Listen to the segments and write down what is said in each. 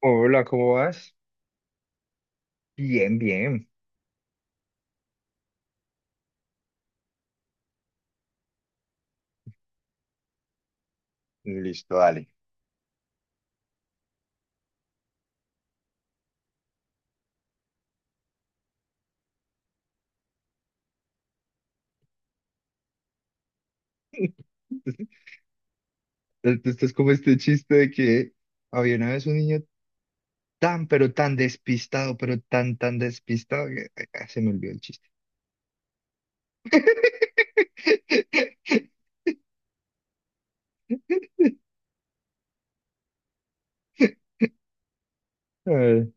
Hola, ¿cómo vas? Bien, bien. Listo, dale. Esto es como este chiste de que había una vez un niño tan, pero tan despistado, pero tan despistado que ay, se me olvidó el chiste. Ay,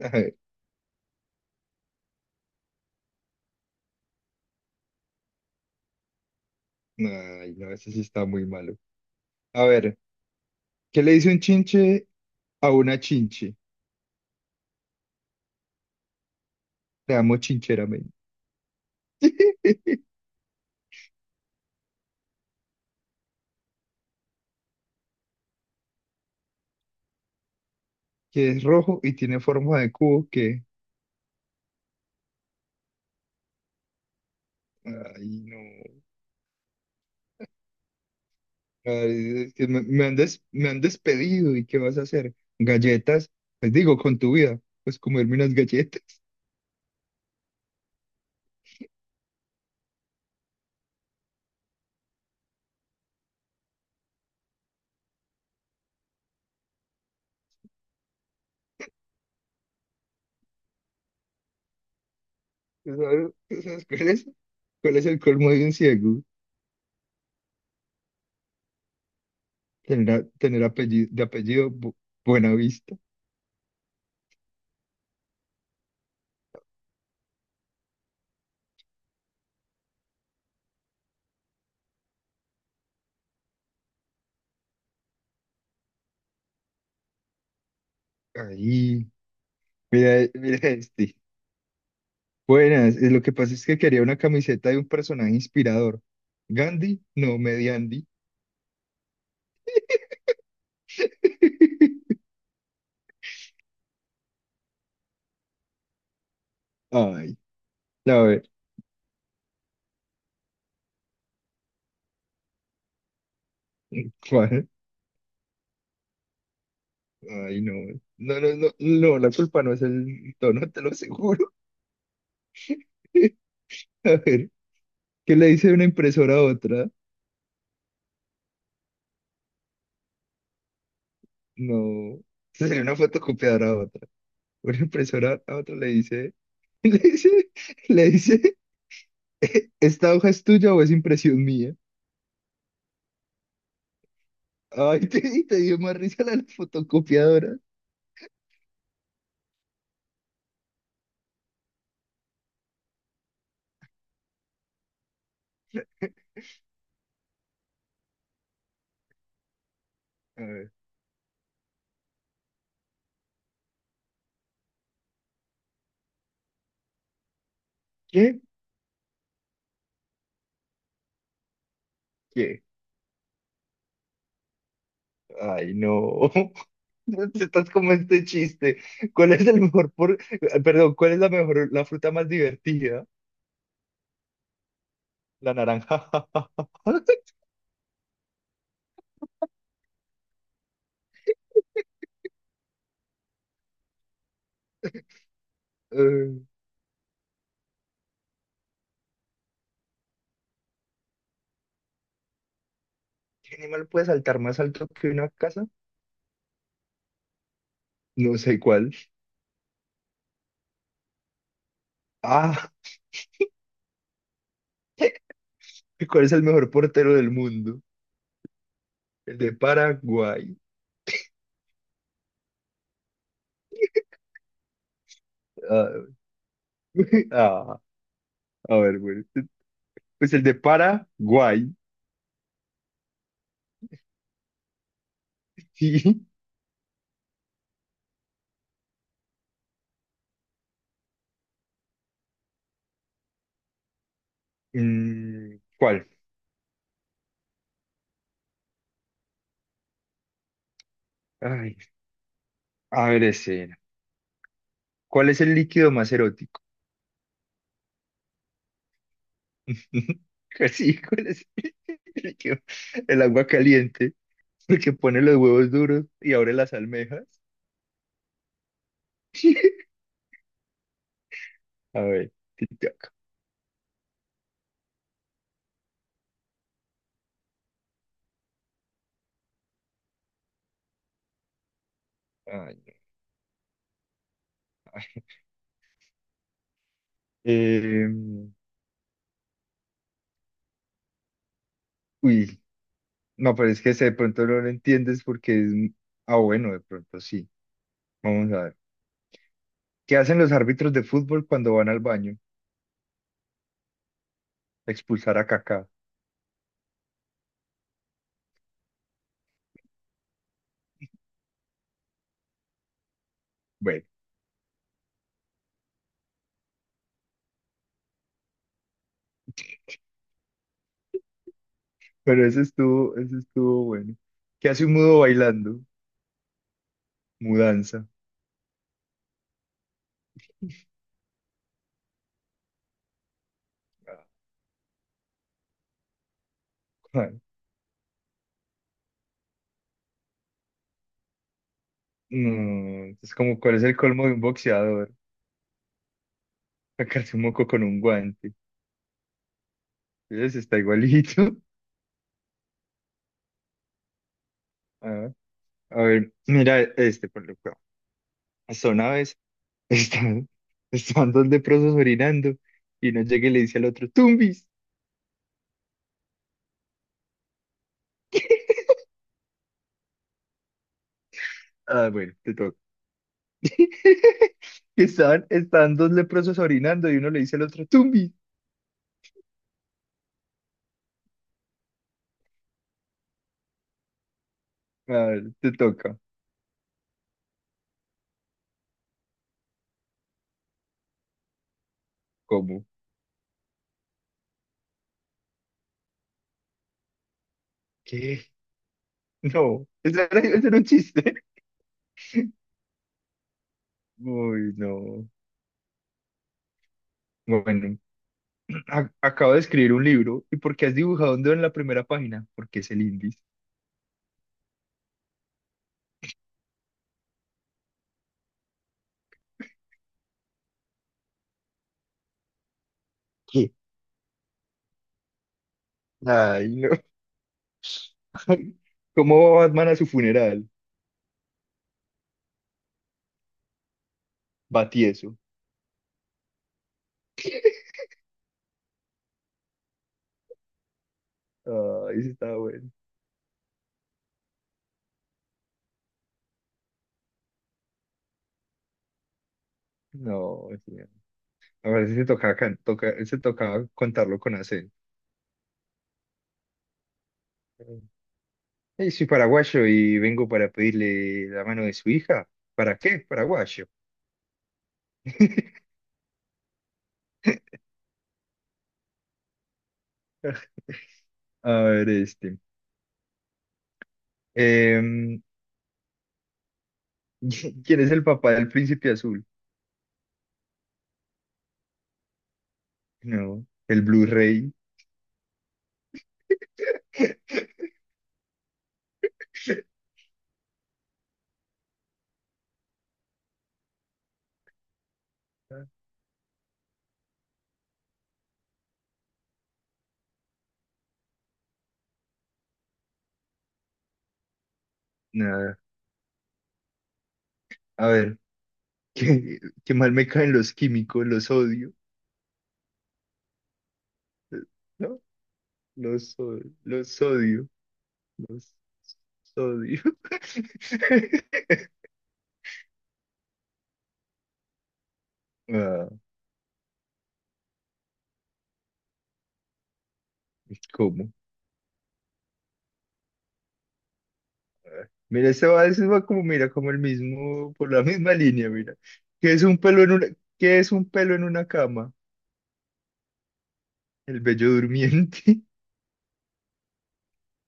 ay, no, ese sí está muy malo. A ver, ¿qué le dice un chinche a una chinche? Te amo chincheramente. ¿Que es rojo y tiene forma de cubo que...? Ay, no. Ay, que me han me han despedido y ¿qué vas a hacer? Galletas, les digo, con tu vida, pues comerme unas galletas. Tú sabes cuál es? ¿Cuál es el colmo de un ciego? Tener, tener apellido, de apellido Buenavista. Ahí, mira, mira este. Buenas, lo que pasa es que quería una camiseta de un personaje inspirador. Gandhi, no, Mediandi. Ay, a ver, ¿cuál? Ay, no, no, no, no, no, la culpa no es el tono, te lo aseguro. A ver, ¿qué le dice una impresora a otra? No, sería una fotocopiadora a otra. Una impresora a otra le dice, le dice, le dice, ¿esta hoja es tuya o es impresión mía? Ay, y te dio más risa la de la fotocopiadora. A ver, ¿qué? ¿Qué? Ay, no. Estás como este chiste. ¿Cuál es el mejor Perdón, ¿cuál es la fruta más divertida? La naranja. Eh, ¿Qué animal puede saltar más alto que una casa? No sé cuál. Ah, ¿cuál es el mejor portero del mundo? El de Paraguay. Ah, ah, a ver, bueno. Pues el de Paraguay. Mm, ¿cuál? Ay, a ver, ese. ¿Cuál es el líquido más erótico? Sí, ¿cuál es el líquido? El agua caliente, porque pone los huevos duros y abre las almejas. A ver, tic-tac. Ay, no. Eh, uy, no, pero es que ese de pronto no lo entiendes porque ah, bueno, de pronto sí. Vamos a ver. ¿Qué hacen los árbitros de fútbol cuando van al baño? Expulsar a Kaká. Bueno, pero ese estuvo bueno. ¿Qué hace un mudo bailando? Mudanza. Ah, no, es como, ¿cuál es el colmo de un boxeador? Sacarse un moco con un guante. Ese está igualito. Ah, a ver, mira este, por lo que... Son aves. Están, están dos leprosos orinando y uno llega y le dice al otro, Tumbis. Ah, bueno, te toca. Están dos leprosos orinando y uno le dice al otro, Tumbis. Ah, te toca. ¿Cómo? ¿Qué? No, eso era, ese era un chiste. Uy, no. Bueno, acabo de escribir un libro. ¿Y por qué has dibujado un dedo en la primera página? Porque es el índice. ¿Qué? Ay, no. ¿Cómo va Batman a su funeral? Batieso. Ay, ese estaba bueno. No, sí. A ver, ese tocaba contarlo con acento. Soy paraguayo y vengo para pedirle la mano de su hija. ¿Para qué? Paraguayo. A ver, este. Em, ¿quién es el papá del príncipe azul? No, el Blu-ray. Nada. A ver, qué, qué mal me caen los químicos, los odio. ¿No? Los, los odio. Los odio. Ah, ¿cómo? Mira, ese va como, mira, como el mismo, por la misma línea, mira. ¿Qué es un pelo en qué es un pelo en una cama? El bello durmiente.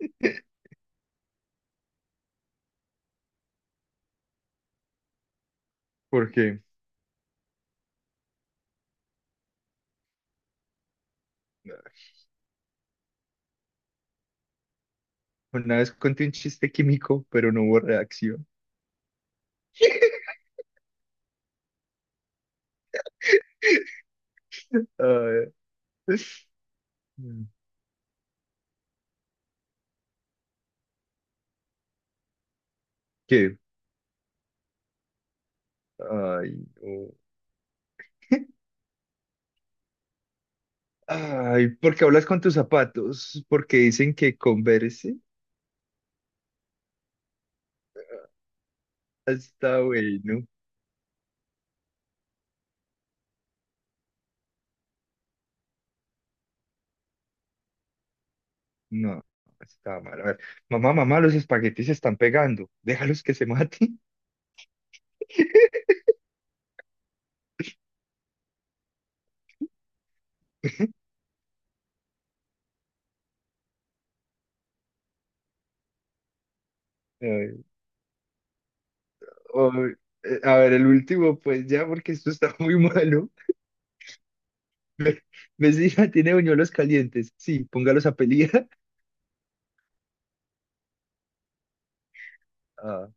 Porque una vez conté un chiste químico, pero no hubo reacción. Ah, ¿qué? Ay, no. Ay, ¿por qué hablas con tus zapatos? Porque dicen que converse. Está bueno. No, está mal. A ver, mamá, mamá, los espaguetis se están pegando. Déjalos que se maten. O, a ver, el último, pues ya, porque esto está muy malo. Ve- Vecina, tiene buñuelos calientes. Sí, póngalos a pelear. Ah,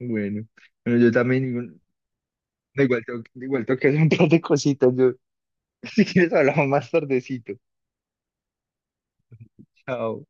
bueno. Bueno, yo también, igual igual tengo que hacer un par de cositas. Yo, si quieres, hablamos más tardecito. Chao.